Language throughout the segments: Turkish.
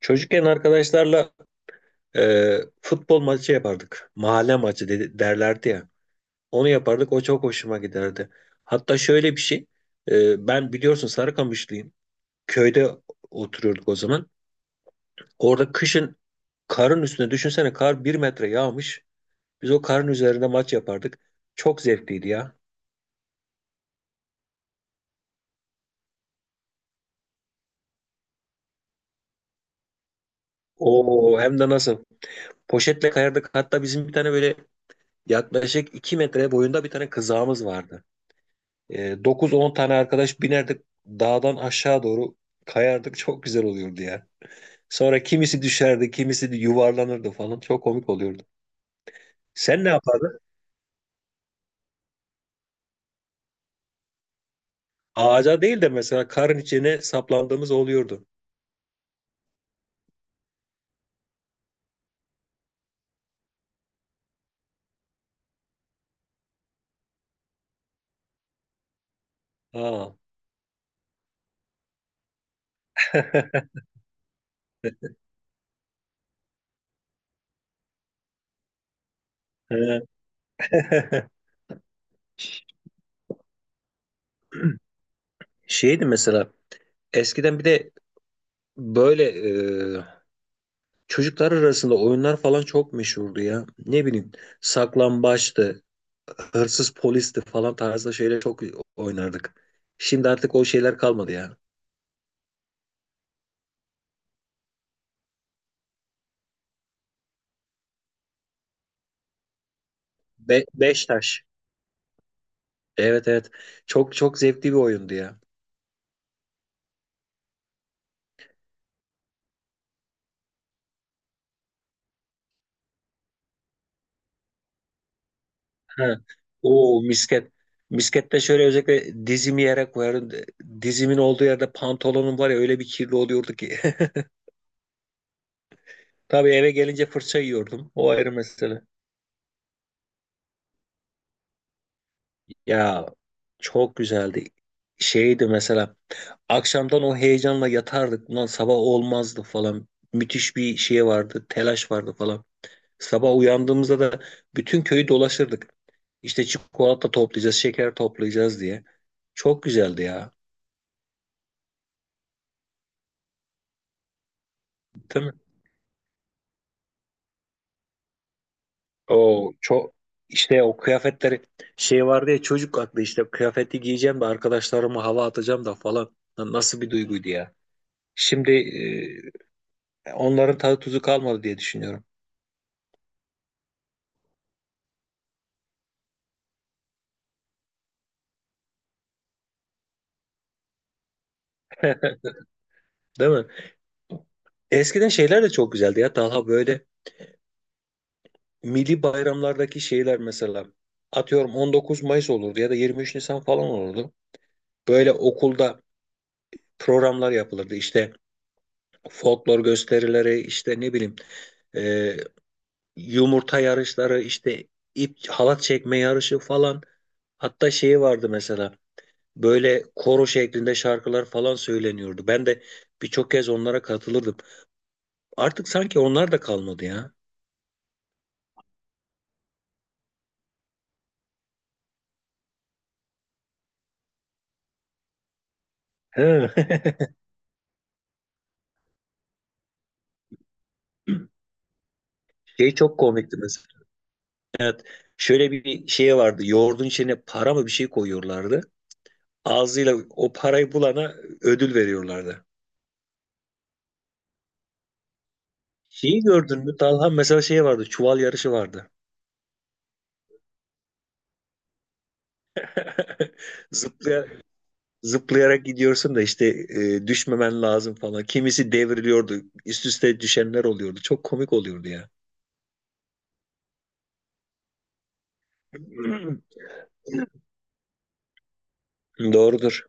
Çocukken arkadaşlarla futbol maçı yapardık. Mahalle maçı dedi, derlerdi ya. Onu yapardık. O çok hoşuma giderdi. Hatta şöyle bir şey. Ben biliyorsun Sarıkamışlıyım. Köyde oturuyorduk o zaman. Orada kışın karın üstüne düşünsene kar bir metre yağmış. Biz o karın üzerinde maç yapardık. Çok zevkliydi ya. O hem de nasıl. Poşetle kayardık. Hatta bizim bir tane böyle yaklaşık iki metre boyunda bir tane kızağımız vardı. 9-10 tane arkadaş binerdik dağdan aşağı doğru kayardık çok güzel oluyordu ya. Sonra kimisi düşerdi, kimisi de yuvarlanırdı falan. Çok komik oluyordu. Sen ne yapardın? Ağaca değil de mesela karın içine saplandığımız oluyordu. Aa. Şeydi mesela eskiden bir de böyle e, çocuklar arasında oyunlar falan çok meşhurdu ya. Ne bileyim saklambaçtı, hırsız polisti falan tarzda şeyler çok oynardık. Şimdi artık o şeyler kalmadı ya. Beş taş. Evet evet. Çok çok zevkli bir oyundu ya. Ha. Oo misket. Miskette şöyle özellikle dizimi yere koyarım. Dizimin olduğu yerde pantolonum var ya öyle bir kirli oluyordu ki. Tabii eve gelince fırça yiyordum. O ayrı mesele. Ya çok güzeldi. Şeydi mesela akşamdan o heyecanla yatardık. Ulan sabah olmazdı falan. Müthiş bir şey vardı. Telaş vardı falan. Sabah uyandığımızda da bütün köyü dolaşırdık. İşte çikolata toplayacağız, şeker toplayacağız diye. Çok güzeldi ya. Değil mi? O çok işte o kıyafetleri şey vardı ya çocuk aklı işte kıyafeti giyeceğim de arkadaşlarıma hava atacağım da falan. Lan nasıl bir duyguydu ya. Şimdi onların tadı tuzu kalmadı diye düşünüyorum. Değil mi? Eskiden şeyler de çok güzeldi ya Talha, böyle milli bayramlardaki şeyler mesela atıyorum 19 Mayıs olurdu ya da 23 Nisan falan olurdu. Böyle okulda programlar yapılırdı. İşte folklor gösterileri, işte ne bileyim, e, yumurta yarışları, işte ip halat çekme yarışı falan. Hatta şeyi vardı mesela böyle koro şeklinde şarkılar falan söyleniyordu. Ben de birçok kez onlara katılırdım. Artık sanki onlar da kalmadı ya. He. Şey çok komikti mesela. Şöyle bir şeye vardı. Yoğurdun içine para mı bir şey koyuyorlardı. Ağzıyla o parayı bulana ödül veriyorlardı. Şeyi gördün mü? Talha mesela şey vardı. Çuval yarışı vardı. Zıplaya, zıplayarak gidiyorsun da işte düşmemen lazım falan. Kimisi devriliyordu. Üst üste düşenler oluyordu. Çok komik oluyordu ya. Doğrudur.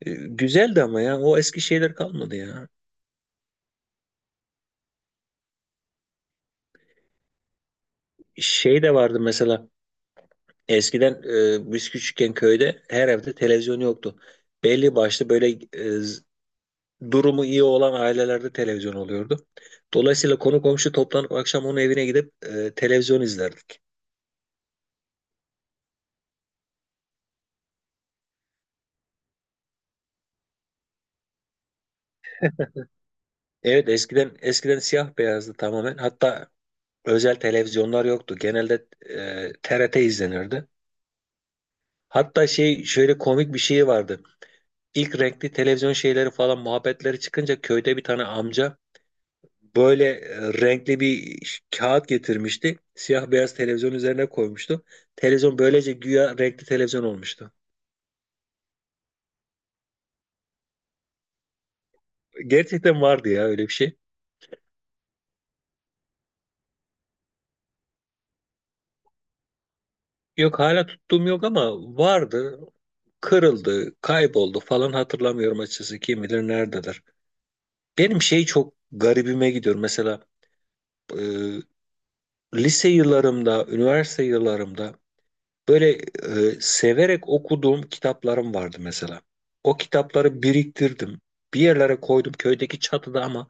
Güzeldi ama ya. O eski şeyler kalmadı ya. Şey de vardı mesela. Eskiden biz küçükken köyde her evde televizyon yoktu. Belli başlı böyle e, z- durumu iyi olan ailelerde televizyon oluyordu. Dolayısıyla konu komşu toplanıp akşam onun evine gidip televizyon izlerdik. Evet, eskiden siyah beyazdı tamamen. Hatta özel televizyonlar yoktu. Genelde TRT izlenirdi. Hatta şey şöyle komik bir şey vardı. İlk renkli televizyon şeyleri falan muhabbetleri çıkınca köyde bir tane amca böyle renkli kağıt getirmişti. Siyah beyaz televizyon üzerine koymuştu. Televizyon böylece güya renkli televizyon olmuştu. Gerçekten vardı ya öyle bir şey. Yok hala tuttuğum yok ama vardı. Kırıldı, kayboldu falan hatırlamıyorum açıkçası. Kim bilir nerededir. Benim şey çok garibime gidiyor. Mesela e, lise yıllarımda, üniversite yıllarımda böyle severek okuduğum kitaplarım vardı mesela. O kitapları biriktirdim. Bir yerlere koydum köydeki çatıda ama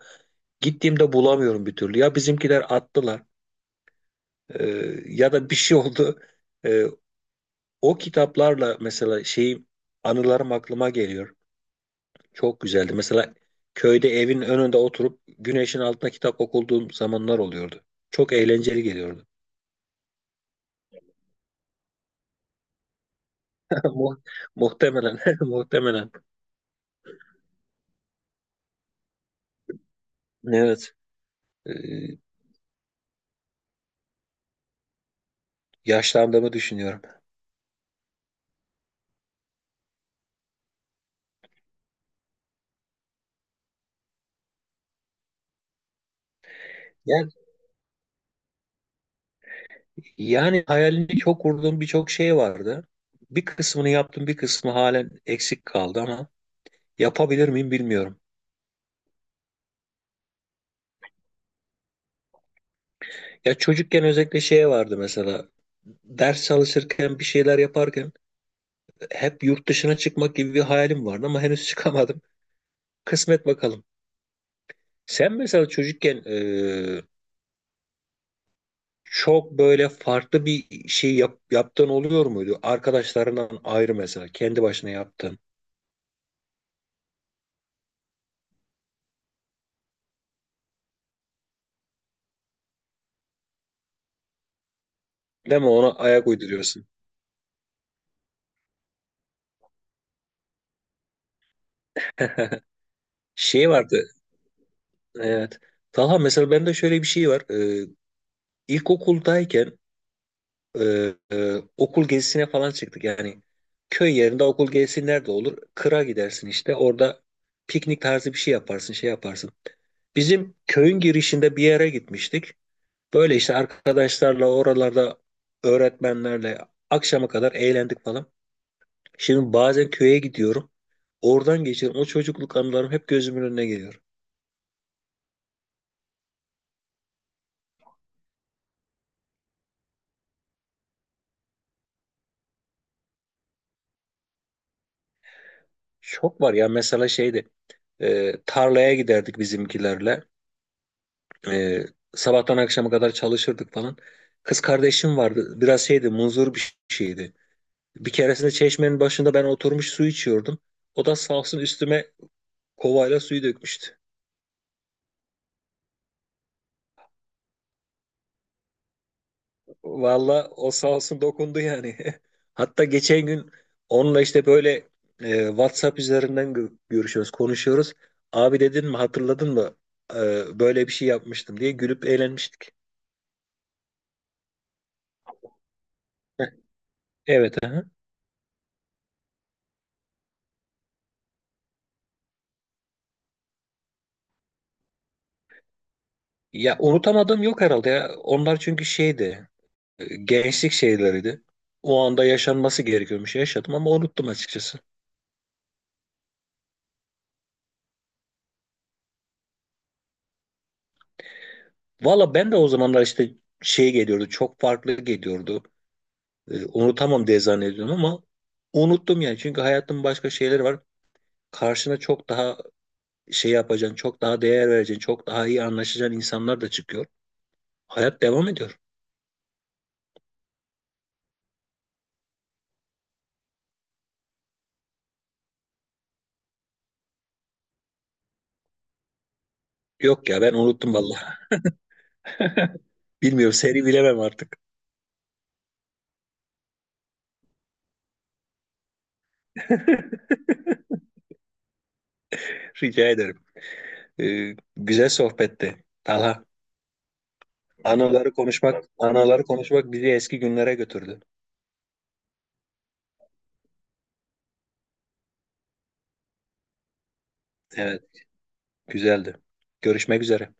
gittiğimde bulamıyorum bir türlü. Ya bizimkiler attılar, e, ya da bir şey oldu. E, O kitaplarla mesela şeyim anılarım aklıma geliyor. Çok güzeldi. Mesela köyde evin önünde oturup güneşin altında kitap okuduğum zamanlar oluyordu. Çok eğlenceli geliyordu. Mu- Muhtemelen, muhtemelen. Evet, e, yaşlandığımı düşünüyorum. Yani, yani hayalini çok kurduğum birçok şey vardı. Bir kısmını yaptım, bir kısmı halen eksik kaldı ama yapabilir miyim bilmiyorum. Ya çocukken özellikle şey vardı mesela. Ders çalışırken, bir şeyler yaparken hep yurt dışına çıkmak gibi bir hayalim vardı ama henüz çıkamadım. Kısmet bakalım. Sen mesela çocukken, çok böyle farklı bir şey yaptığın oluyor muydu? Arkadaşlarından ayrı mesela, kendi başına yaptın. Değil mi? Ona ayak uyduruyorsun. Şey vardı. Evet. Talha mesela bende şöyle bir şey var. Ee, ilkokuldayken okul gezisine falan çıktık. Yani köy yerinde okul gezisi nerede olur? Kıra gidersin işte. Orada piknik tarzı bir şey yaparsın, şey yaparsın. Bizim köyün girişinde bir yere gitmiştik. Böyle işte arkadaşlarla oralarda öğretmenlerle akşama kadar eğlendik falan. Şimdi bazen köye gidiyorum. Oradan geçiyorum. O çocukluk anılarım hep gözümün önüne geliyor. Çok var ya mesela şeydi. Tarlaya giderdik bizimkilerle. E, Sabahtan akşama kadar çalışırdık falan. Kız kardeşim vardı. Biraz şeydi, muzur bir şeydi. Bir keresinde çeşmenin başında ben oturmuş su içiyordum. O da sağ olsun üstüme kovayla suyu dökmüştü. Valla o sağ olsun dokundu yani. Hatta geçen gün onunla işte böyle WhatsApp üzerinden görüşüyoruz, konuşuyoruz. Abi dedin mi, hatırladın mı? Böyle bir şey yapmıştım diye gülüp eğlenmiştik. Evet. Ya unutamadığım yok herhalde ya. Onlar çünkü şeydi. Gençlik şeyleriydi. O anda yaşanması gerekiyormuş. Yaşadım ama unuttum açıkçası. Valla ben de o zamanlar işte şey geliyordu. Çok farklı geliyordu. Unutamam diye zannediyordum ama unuttum yani. Çünkü hayatın başka şeyleri var. Karşına çok daha şey yapacaksın. Çok daha değer vereceksin. Çok daha iyi anlaşacağın insanlar da çıkıyor. Hayat devam ediyor. Yok ya, ben unuttum vallahi. Bilmiyorum, seni bilemem artık. Rica ederim. Güzel sohbetti. Allah anıları konuşmak bizi eski günlere götürdü. Evet, güzeldi. Görüşmek üzere.